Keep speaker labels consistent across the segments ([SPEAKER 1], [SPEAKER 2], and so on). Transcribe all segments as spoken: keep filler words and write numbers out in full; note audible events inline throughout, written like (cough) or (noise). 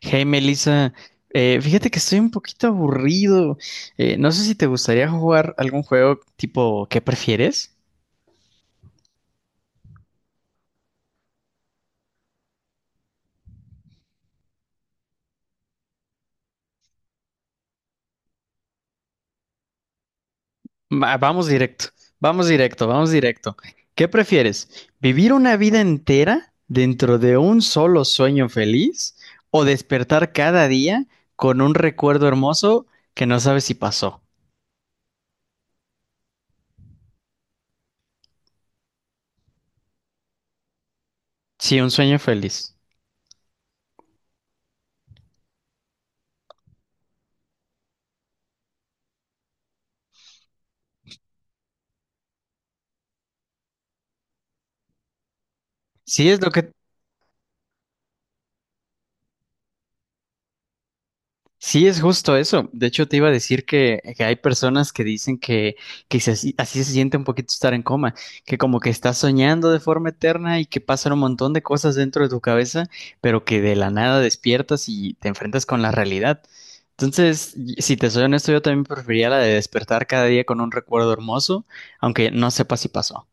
[SPEAKER 1] Hey Melissa, eh, fíjate que estoy un poquito aburrido. Eh, no sé si te gustaría jugar algún juego tipo ¿qué prefieres? Va- vamos directo, vamos directo, Vamos directo. ¿Qué prefieres? ¿Vivir una vida entera dentro de un solo sueño feliz o despertar cada día con un recuerdo hermoso que no sabes si pasó? Sí, un sueño feliz. Sí, es lo que, Sí, es justo eso. De hecho, te iba a decir que, que hay personas que dicen que, que se- así, se siente un poquito estar en coma, que como que estás soñando de forma eterna y que pasan un montón de cosas dentro de tu cabeza, pero que de la nada despiertas y te enfrentas con la realidad. Entonces, y- si te soy honesto, yo también preferiría la de despertar cada día con un recuerdo hermoso, aunque no sepa si pasó.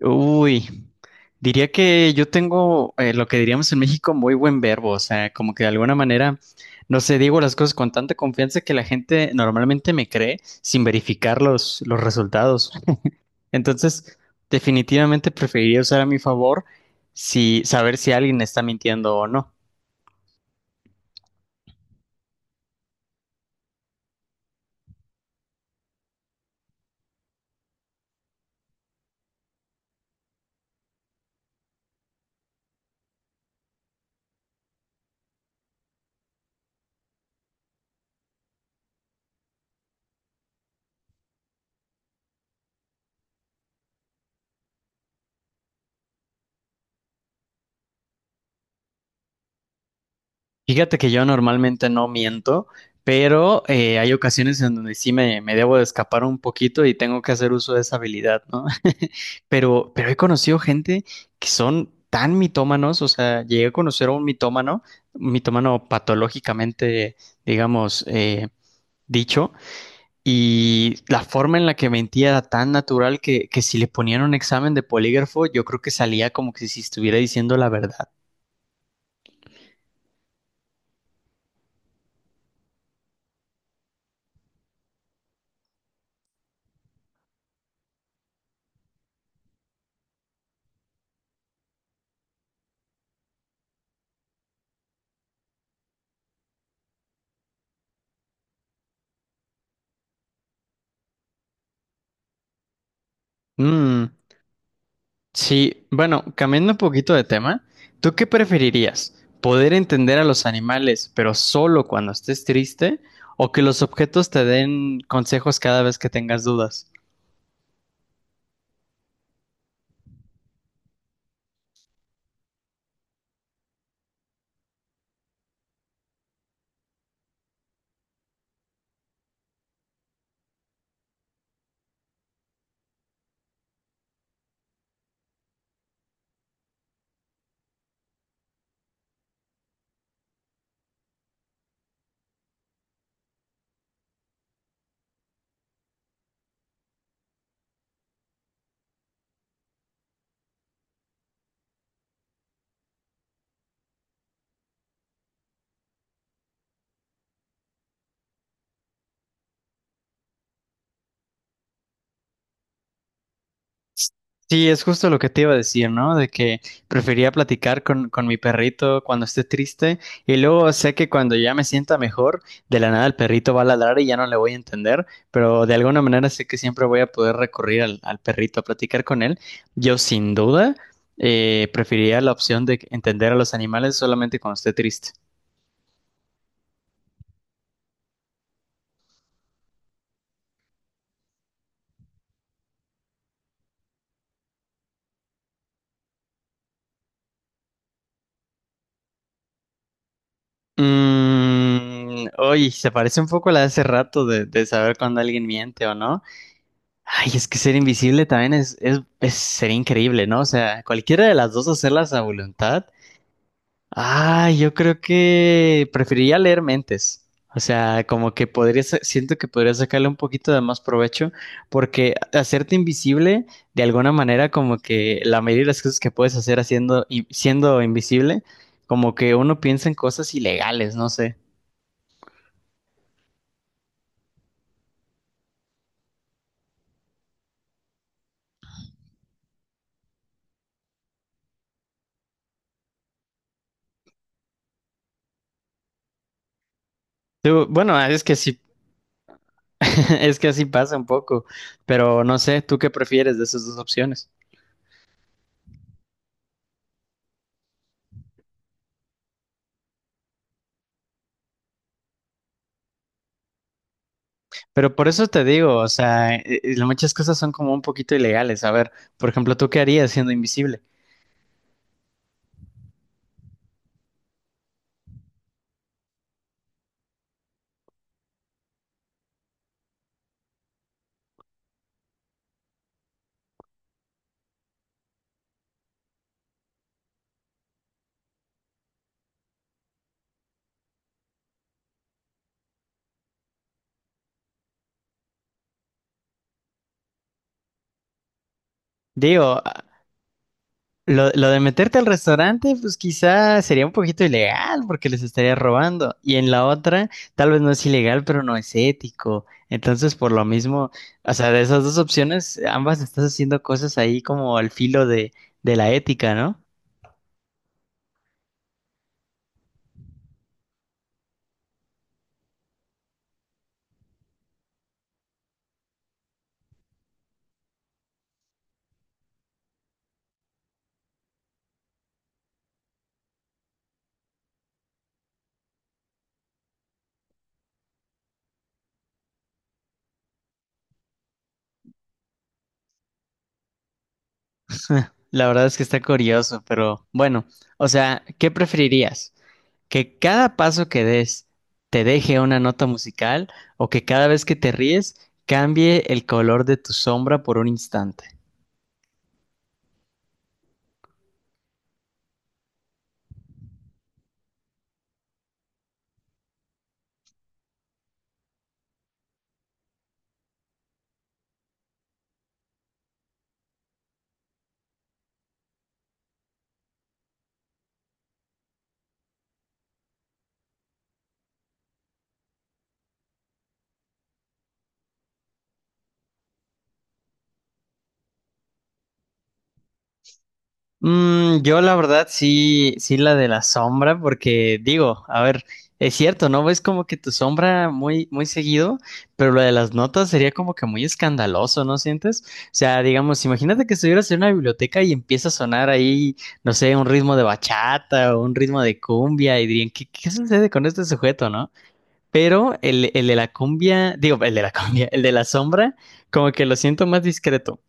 [SPEAKER 1] Uy, diría que yo tengo eh, lo que diríamos en México muy buen verbo, o sea, como que de alguna manera, no sé, digo las cosas con tanta confianza que la gente normalmente me cree sin verificar los, los resultados. Entonces, definitivamente preferiría usar a mi favor si saber si alguien está mintiendo o no. Fíjate que yo normalmente no miento, pero eh, hay ocasiones en donde sí me, me debo de escapar un poquito y tengo que hacer uso de esa habilidad, ¿no? (laughs) Pero, pero he conocido gente que son tan mitómanos, o sea, llegué a conocer a un mitómano, un mitómano patológicamente, digamos, eh, dicho, y la forma en la que mentía era tan natural que, que si le ponían un examen de polígrafo, yo creo que salía como que si estuviera diciendo la verdad. Mm. Sí, bueno, cambiando un poquito de tema, ¿tú qué preferirías? ¿Poder entender a los animales, pero solo cuando estés triste? ¿O que los objetos te den consejos cada vez que tengas dudas? Sí, es justo lo que te iba a decir, ¿no? De que prefería platicar con, con mi perrito cuando esté triste y luego sé que cuando ya me sienta mejor, de la nada el perrito va a ladrar y ya no le voy a entender, pero de alguna manera sé que siempre voy a poder recurrir al, al perrito a platicar con él. Yo sin duda eh, preferiría la opción de entender a los animales solamente cuando esté triste. Mmm, oye, se parece un poco a la de hace rato de, de saber cuando alguien miente o no. Ay, es que ser invisible también es, es, es- sería increíble, ¿no? O sea, cualquiera de las dos hacerlas a voluntad. Ay, yo creo que preferiría leer mentes. O sea, como que podría, sa- siento que podría sacarle un poquito de más provecho, porque hacerte invisible, de alguna manera, como que la mayoría de las cosas que puedes hacer haciendo, y- siendo invisible, como que uno piensa en cosas ilegales, no sé. Tú- bueno, ah, es que sí, (laughs) es que así pasa un poco, pero no sé, ¿tú qué prefieres de esas dos opciones? Pero por eso te digo, o sea, eh, eh, muchas cosas son como un poquito ilegales. A ver, por ejemplo, ¿tú qué harías siendo invisible? Digo, ah, lo, lo de meterte al restaurante, pues quizá sería un poquito ilegal porque les estarías robando. Y en la otra, tal vez no es ilegal, pero no es ético. Entonces, por lo mismo, o sea, de esas dos opciones, ambas estás haciendo cosas ahí como al filo de, de la ética, ¿no? La verdad es que está curioso, pero bueno, o sea, ¿qué preferirías? Que cada paso que des te deje una nota musical o que cada vez que te ríes cambie el color de tu sombra por un instante. Mm, yo la verdad sí, sí la de la sombra, porque digo, a ver, es cierto, ¿no? Ves como que tu sombra muy, muy seguido, pero lo de las notas sería como que muy escandaloso, ¿no sientes? O sea, digamos, imagínate que estuvieras en una biblioteca y empieza a sonar ahí, no sé, un ritmo de bachata o un ritmo de cumbia y dirían, ¿qué, qué sucede con este sujeto, no? Pero el, el de la cumbia, digo, el de la cumbia, el de la sombra, como que lo siento más discreto.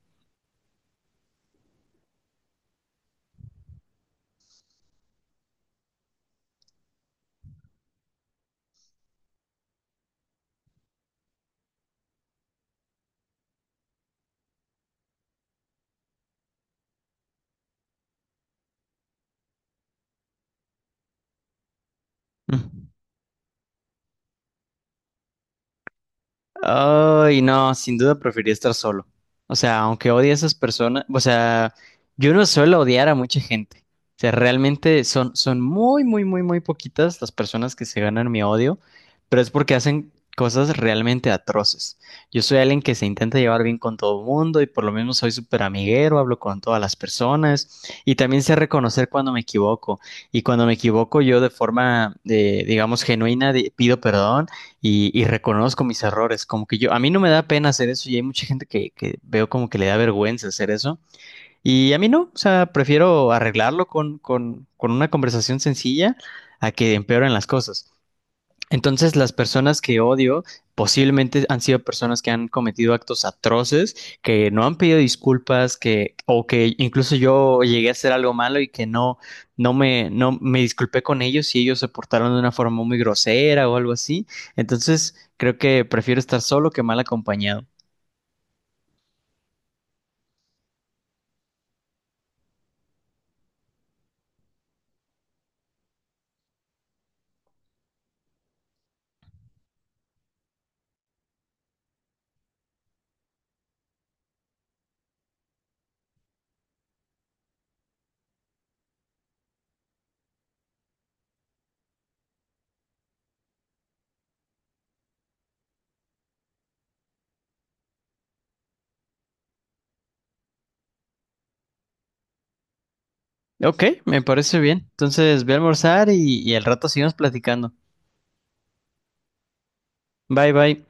[SPEAKER 1] Mm. Ay, no, sin duda preferiría estar solo. O sea, aunque odie a esas personas, o sea, yo no suelo odiar a mucha gente. O sea, realmente son, son muy, muy, muy, muy poquitas las personas que se ganan mi odio, pero es porque hacen cosas realmente atroces. Yo soy alguien que se intenta llevar bien con todo el mundo y por lo menos soy súper amiguero, hablo con todas las personas y también sé reconocer cuando me equivoco. Y cuando me equivoco, yo de forma, eh, digamos, genuina, di- pido perdón y, y reconozco mis errores. Como que yo, a mí no me da pena hacer eso y hay mucha gente que, que veo como que le da vergüenza hacer eso. Y a mí no, o sea, prefiero arreglarlo con, con, con una conversación sencilla a que empeoren las cosas. Entonces, las personas que odio posiblemente han sido personas que han cometido actos atroces, que no han pedido disculpas, que o que incluso yo llegué a hacer algo malo y que no no me no me disculpé con ellos y ellos se portaron de una forma muy grosera o algo así. Entonces, creo que prefiero estar solo que mal acompañado. Ok, me parece bien. Entonces, voy a almorzar y, y al rato seguimos platicando. Bye, bye.